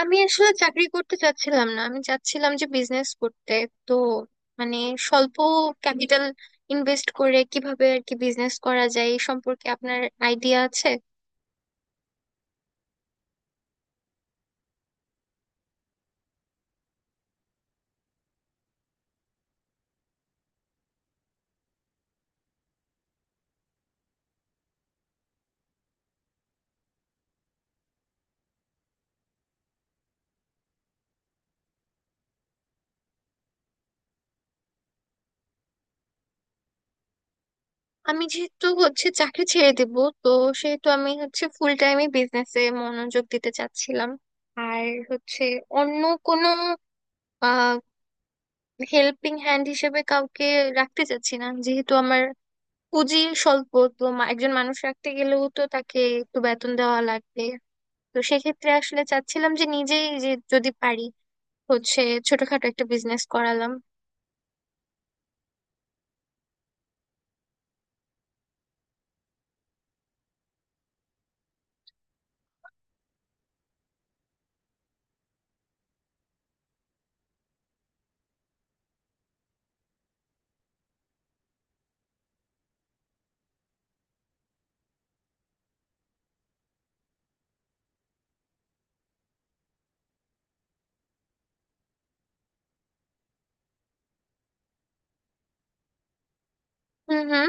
আমি আসলে চাকরি করতে চাচ্ছিলাম না। আমি চাচ্ছিলাম যে বিজনেস করতে। তো মানে স্বল্প ক্যাপিটাল ইনভেস্ট করে কিভাবে আর কি বিজনেস করা যায় এই সম্পর্কে আপনার আইডিয়া আছে? আমি যেহেতু হচ্ছে চাকরি ছেড়ে দেব, তো সেহেতু আমি হচ্ছে ফুল টাইমে বিজনেসে মনোযোগ দিতে চাচ্ছিলাম। আর হচ্ছে অন্য কোনো আহ হেল্পিং হ্যান্ড হিসেবে কাউকে রাখতে চাচ্ছি না, যেহেতু আমার পুঁজি স্বল্প। তো একজন মানুষ রাখতে গেলেও তো তাকে একটু বেতন দেওয়া লাগবে। তো সেক্ষেত্রে আসলে চাচ্ছিলাম যে নিজেই যে যদি পারি হচ্ছে ছোটখাটো একটা বিজনেস করালাম। হুম হুম।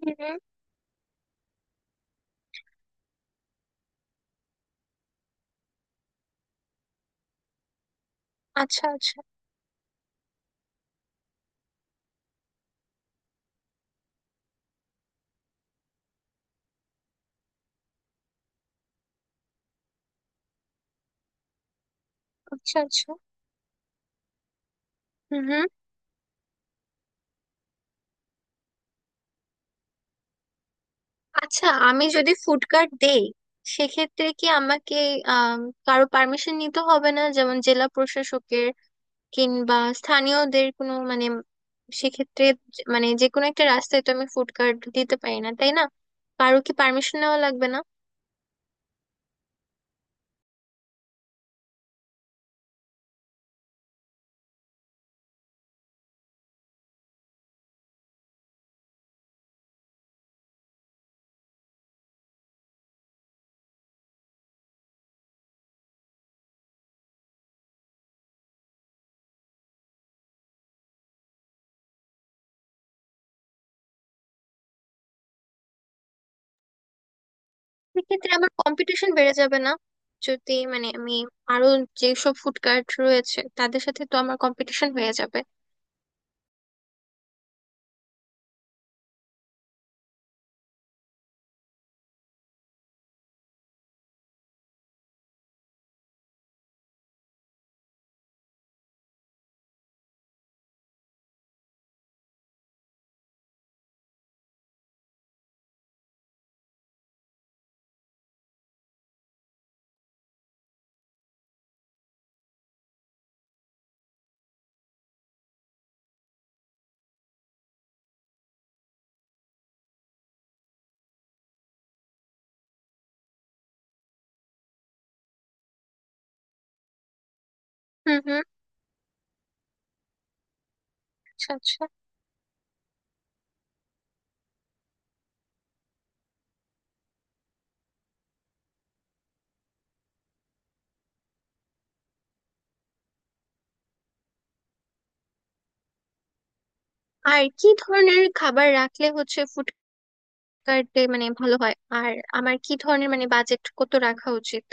হুম হুম। আচ্ছা আচ্ছা। আচ্ছা আচ্ছা। হুম হুম। আচ্ছা, আমি যদি ফুড কার্ট দেই সেক্ষেত্রে কি আমাকে আহ কারো পারমিশন নিতে হবে না, যেমন জেলা প্রশাসকের কিংবা স্থানীয়দের? কোনো মানে সেক্ষেত্রে মানে যে কোনো একটা রাস্তায় তো আমি ফুড কার্ট দিতে পারি না, তাই না? কারো কি পারমিশন নেওয়া লাগবে না? সেক্ষেত্রে আমার কম্পিটিশন বেড়ে যাবে না? যদি মানে আমি আরো যেসব ফুড কার্ট রয়েছে তাদের সাথে তো আমার কম্পিটিশন হয়ে যাবে। হুম হুম। আচ্ছা আচ্ছা। আর কি ধরনের খাবার রাখলে হচ্ছে ফুড কার্টে মানে ভালো হয়? আর আমার কি ধরনের মানে বাজেট কত রাখা উচিত?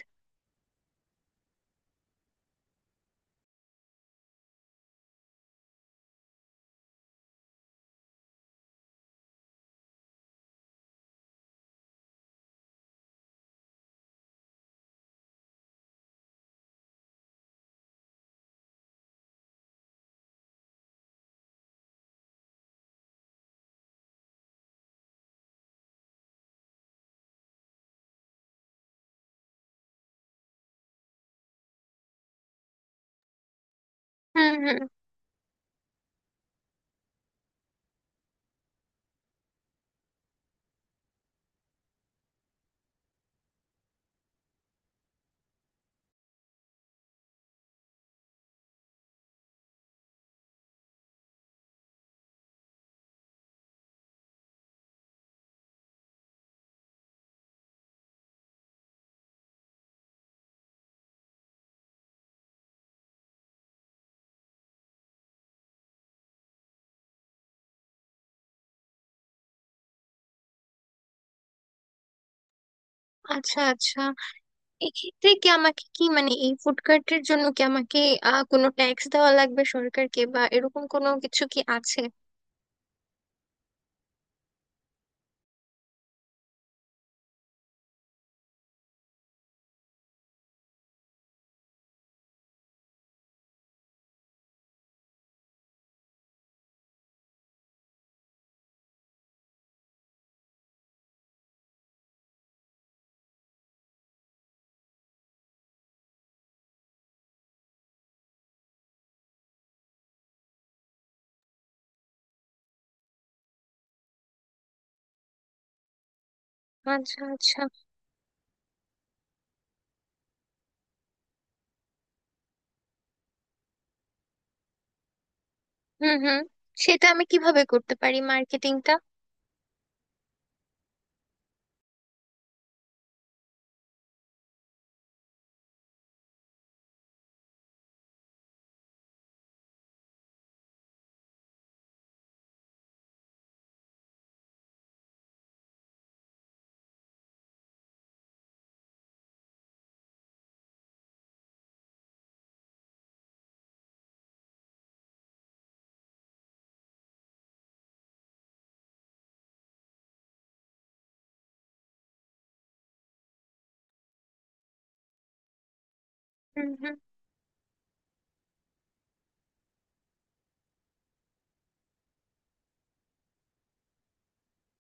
হুম হুম। আচ্ছা আচ্ছা। এক্ষেত্রে কি আমাকে কি মানে এই ফুড কার্টের জন্য কি আমাকে কোনো ট্যাক্স দেওয়া লাগবে সরকারকে, বা এরকম কোনো কিছু কি আছে? আচ্ছা আচ্ছা। হুম হুম। সেটা আমি কিভাবে করতে পারি মার্কেটিংটা? হুম হুম।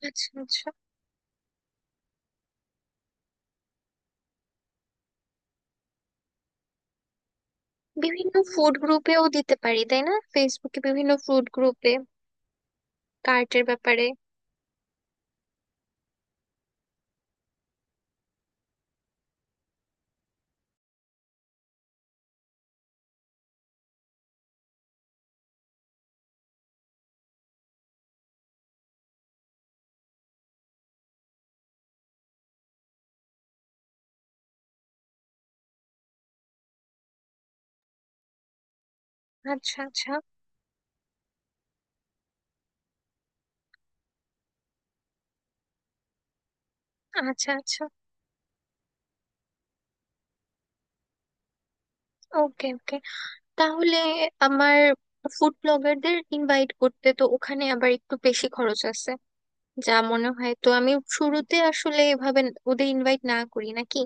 আচ্ছা আচ্ছা। বিভিন্ন ফুড গ্রুপেও দিতে পারি তাই না, ফেসবুকে বিভিন্ন ফুড গ্রুপে কার্টের ব্যাপারে? আচ্ছা আচ্ছা। আচ্ছা আচ্ছা। ওকে ওকে। তাহলে আমার ফুড ব্লগারদের ইনভাইট করতে তো ওখানে আবার একটু বেশি খরচ আছে যা মনে হয়, তো আমি শুরুতে আসলে এভাবে ওদের ইনভাইট না করি নাকি?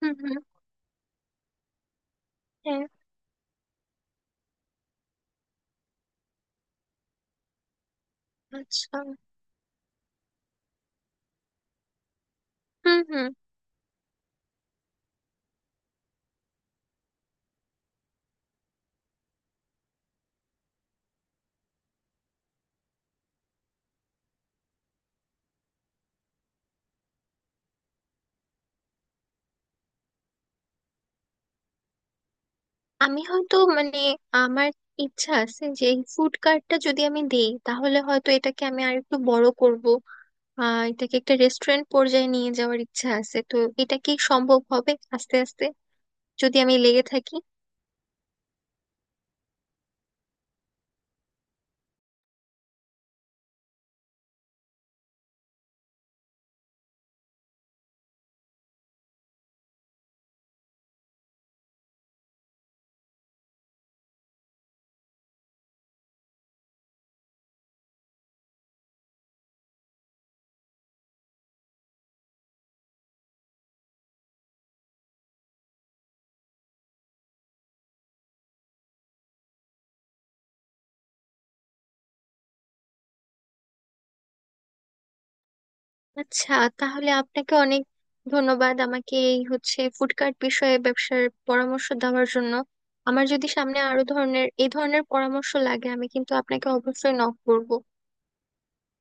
হুম হুম। হ্যাঁ। আচ্ছা। হুম হুম। আমি হয়তো মানে আমার ইচ্ছা আছে যে এই ফুড কার্টটা যদি আমি দেই তাহলে হয়তো এটাকে আমি আর একটু বড় করব। আহ, এটাকে একটা রেস্টুরেন্ট পর্যায়ে নিয়ে যাওয়ার ইচ্ছা আছে, তো এটা কি সম্ভব হবে আস্তে আস্তে যদি আমি লেগে থাকি? আচ্ছা, তাহলে আপনাকে অনেক ধন্যবাদ আমাকে এই হচ্ছে ফুড কার্ট বিষয়ে ব্যবসার পরামর্শ দেওয়ার জন্য। আমার যদি সামনে আরো ধরনের এই ধরনের পরামর্শ লাগে আমি কিন্তু আপনাকে অবশ্যই নক করব।